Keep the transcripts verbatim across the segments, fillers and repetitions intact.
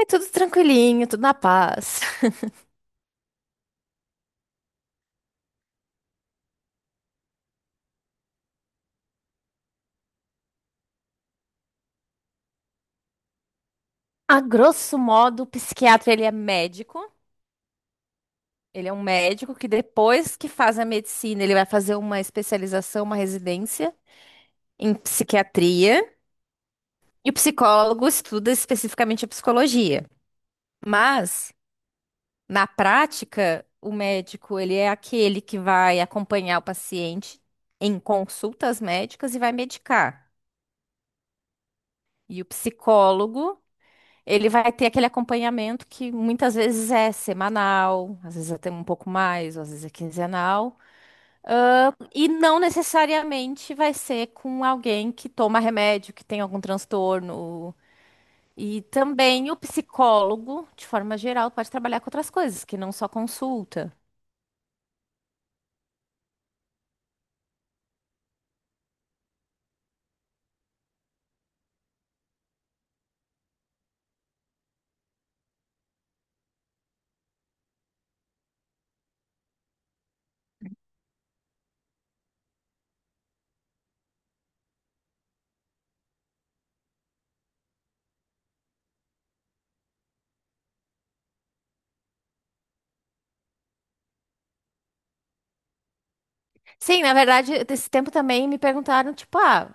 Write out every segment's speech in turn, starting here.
É tudo tranquilinho, tudo na paz. A grosso modo, o psiquiatra, ele é médico. Ele é um médico que depois que faz a medicina, ele vai fazer uma especialização, uma residência em psiquiatria. E o psicólogo estuda especificamente a psicologia. Mas, na prática, o médico, ele é aquele que vai acompanhar o paciente em consultas médicas e vai medicar. E o psicólogo, ele vai ter aquele acompanhamento que muitas vezes é semanal, às vezes até um pouco mais, às vezes é quinzenal, ah, e não necessariamente vai ser com alguém que toma remédio, que tem algum transtorno. E também o psicólogo, de forma geral, pode trabalhar com outras coisas, que não só consulta. Sim, na verdade, esse tempo também me perguntaram, tipo, ah,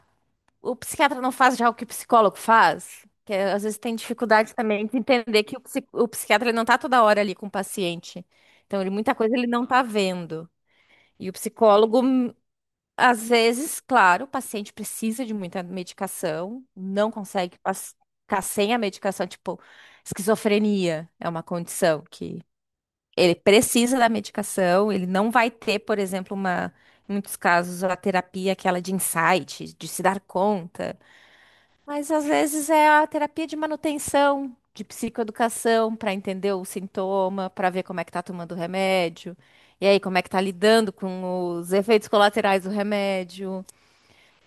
o psiquiatra não faz já o que o psicólogo faz? Que é, às vezes tem dificuldade também de entender que o, psi- o psiquiatra ele não tá toda hora ali com o paciente. Então, ele, muita coisa ele não tá vendo. E o psicólogo, hum, às vezes, claro, o paciente precisa de muita medicação, não consegue pas- ficar sem a medicação, tipo, esquizofrenia é uma condição que ele precisa da medicação, ele não vai ter, por exemplo, uma, em muitos casos, a terapia aquela de insight, de se dar conta. Mas às vezes é a terapia de manutenção, de psicoeducação, para entender o sintoma, para ver como é que tá tomando o remédio, e aí como é que tá lidando com os efeitos colaterais do remédio,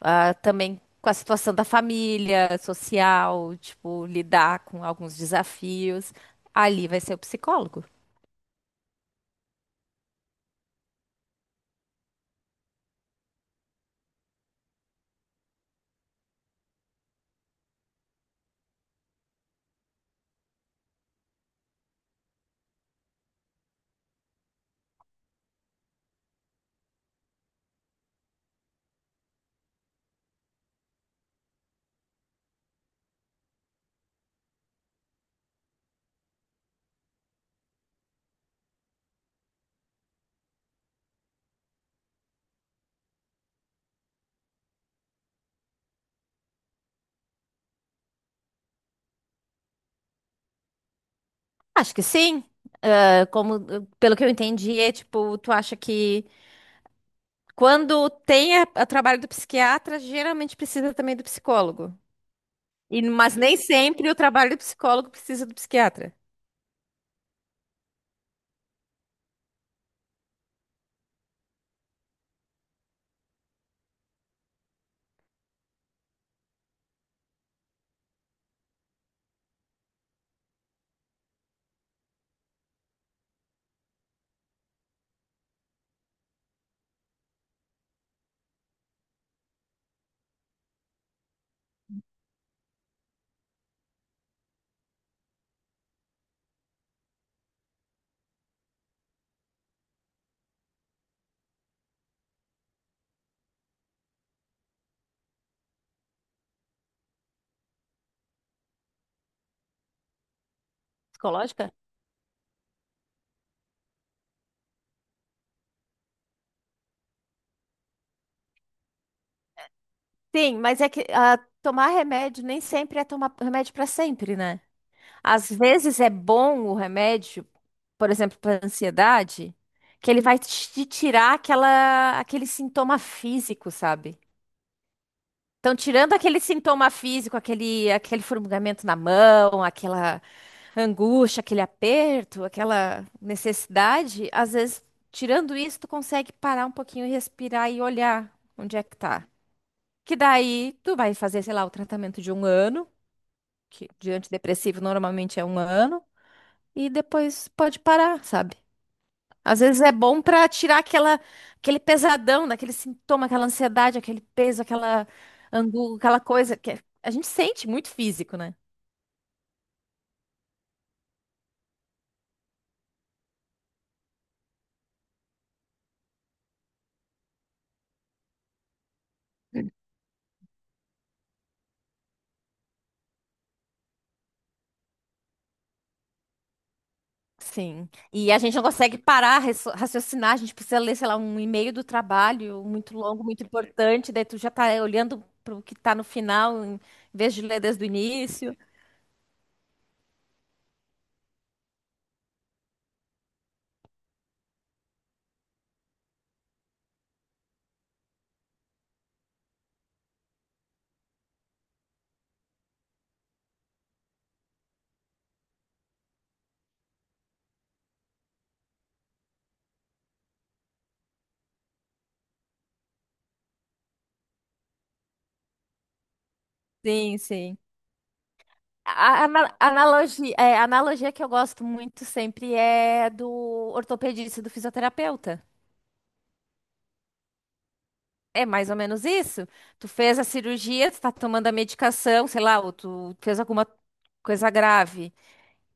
ah, também com a situação da família, social, tipo, lidar com alguns desafios. Ali vai ser o psicólogo. Acho que sim. Ah, Como, pelo que eu entendi, é tipo, tu acha que quando tem a- o trabalho do psiquiatra, geralmente precisa também do psicólogo. E, mas nem sempre o trabalho do psicólogo precisa do psiquiatra. Psicológica? Sim, mas é que ah, tomar remédio nem sempre é tomar remédio para sempre, né? Às vezes é bom o remédio, por exemplo, para ansiedade, que ele vai te tirar aquela, aquele sintoma físico, sabe? Então, tirando aquele sintoma físico, aquele, aquele formigamento na mão, aquela angústia, aquele aperto, aquela necessidade, às vezes, tirando isso, tu consegue parar um pouquinho, respirar e olhar onde é que tá. Que daí tu vai fazer, sei lá, o tratamento de um ano, que de antidepressivo normalmente é um ano, e depois pode parar, sabe? Às vezes é bom pra tirar aquela, aquele pesadão, daquele sintoma, aquela ansiedade, aquele peso, aquela angústia, aquela coisa que a gente sente muito físico, né? Sim. E a gente não consegue parar, raço- raciocinar, a gente precisa ler, sei lá, um e-mail do trabalho muito longo, muito importante, daí tu já tá olhando para o que tá no final, em vez de ler desde o início. Sim, sim. A, ana- analogia, é, a analogia que eu gosto muito sempre é do ortopedista e do fisioterapeuta. É mais ou menos isso. Tu fez a cirurgia, tu tá tomando a medicação, sei lá, ou tu fez alguma coisa grave.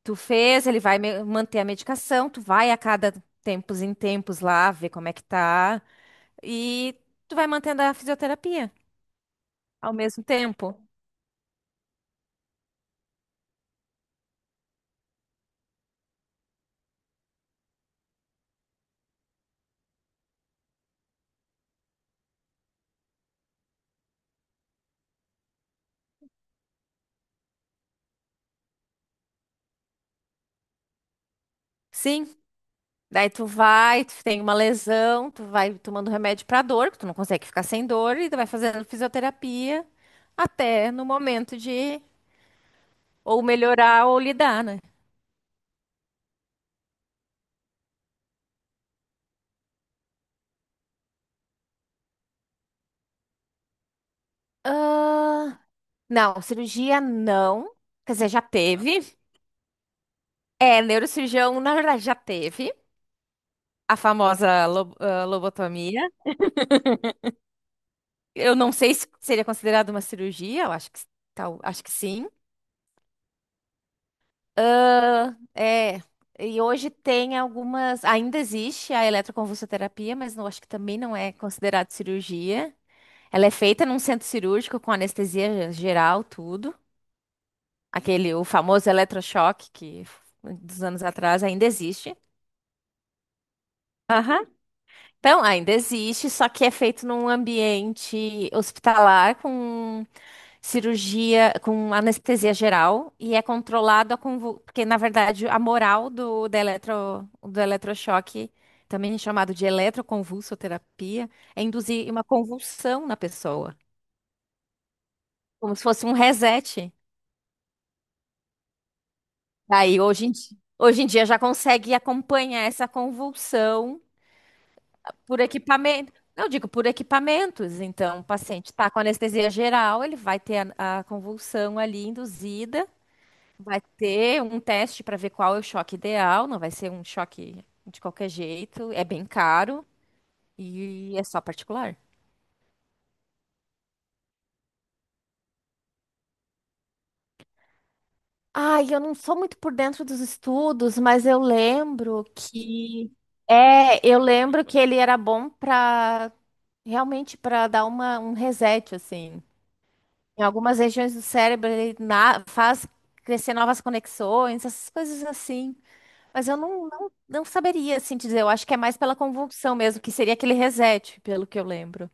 Tu fez, ele vai me- manter a medicação, tu vai a cada tempos em tempos lá ver como é que tá e tu vai mantendo a fisioterapia ao mesmo tempo. Sim. Daí tu vai, tu tem uma lesão, tu vai tomando remédio pra dor, que tu não consegue ficar sem dor e tu vai fazendo fisioterapia até no momento de ou melhorar ou lidar, né? Não, cirurgia não. Quer dizer, já teve. É, neurocirurgião, na verdade, já teve a famosa lo- ah, lobotomia. Eu não sei se seria considerado uma cirurgia, eu acho que, tal, acho que sim. Ah, é, e hoje tem algumas. Ainda existe a eletroconvulsoterapia, mas não, acho que também não é considerado cirurgia. Ela é feita num centro cirúrgico com anestesia geral, tudo. Aquele, o famoso eletrochoque que dos anos atrás ainda existe. Aham. Então, ainda existe, só que é feito num ambiente hospitalar com cirurgia, com anestesia geral e é controlado a convul... porque na verdade a moral do da eletro... do eletrochoque, também chamado de eletroconvulsoterapia, é induzir uma convulsão na pessoa, como se fosse um reset. Aí hoje em di- hoje em dia já consegue acompanhar essa convulsão por equipamento. Não, eu digo por equipamentos. Então, o paciente está com anestesia geral, ele vai ter a, a convulsão ali induzida, vai ter um teste para ver qual é o choque ideal, não vai ser um choque de qualquer jeito, é bem caro e é só particular. Ai, eu não sou muito por dentro dos estudos, mas eu lembro que é, eu lembro que ele era bom para realmente para dar uma, um reset assim, em algumas regiões do cérebro, ele na- faz crescer novas conexões, essas coisas assim. Mas eu não, não, não saberia, assim, dizer. Eu acho que é mais pela convulsão mesmo, que seria aquele reset, pelo que eu lembro.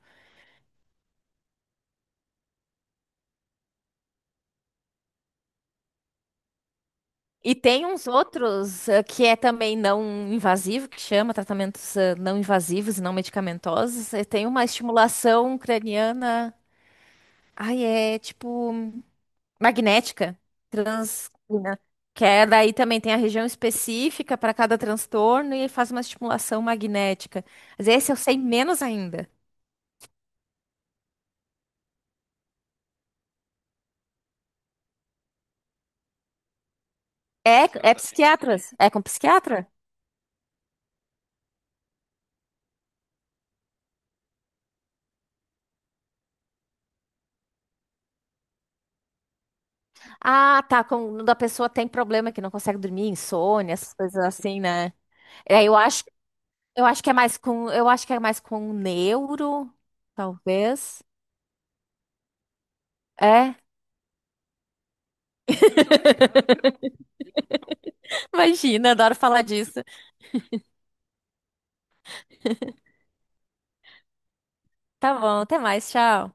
E tem uns outros eh, que é também não invasivo, que chama tratamentos eh, não invasivos e não medicamentosos. Eh, Tem uma estimulação craniana. Ai, é tipo magnética, transcraniana, que é daí também tem a região específica para cada transtorno e faz uma estimulação magnética. Mas esse eu sei menos ainda. É, é psiquiatras? É com psiquiatra? Ah, tá. Quando a pessoa tem problema que não consegue dormir, insônia, essas coisas assim, né? É, eu acho, eu acho que é mais com, eu acho que é mais com neuro, talvez. É, imagina, adoro falar disso. Tá bom, até mais, tchau.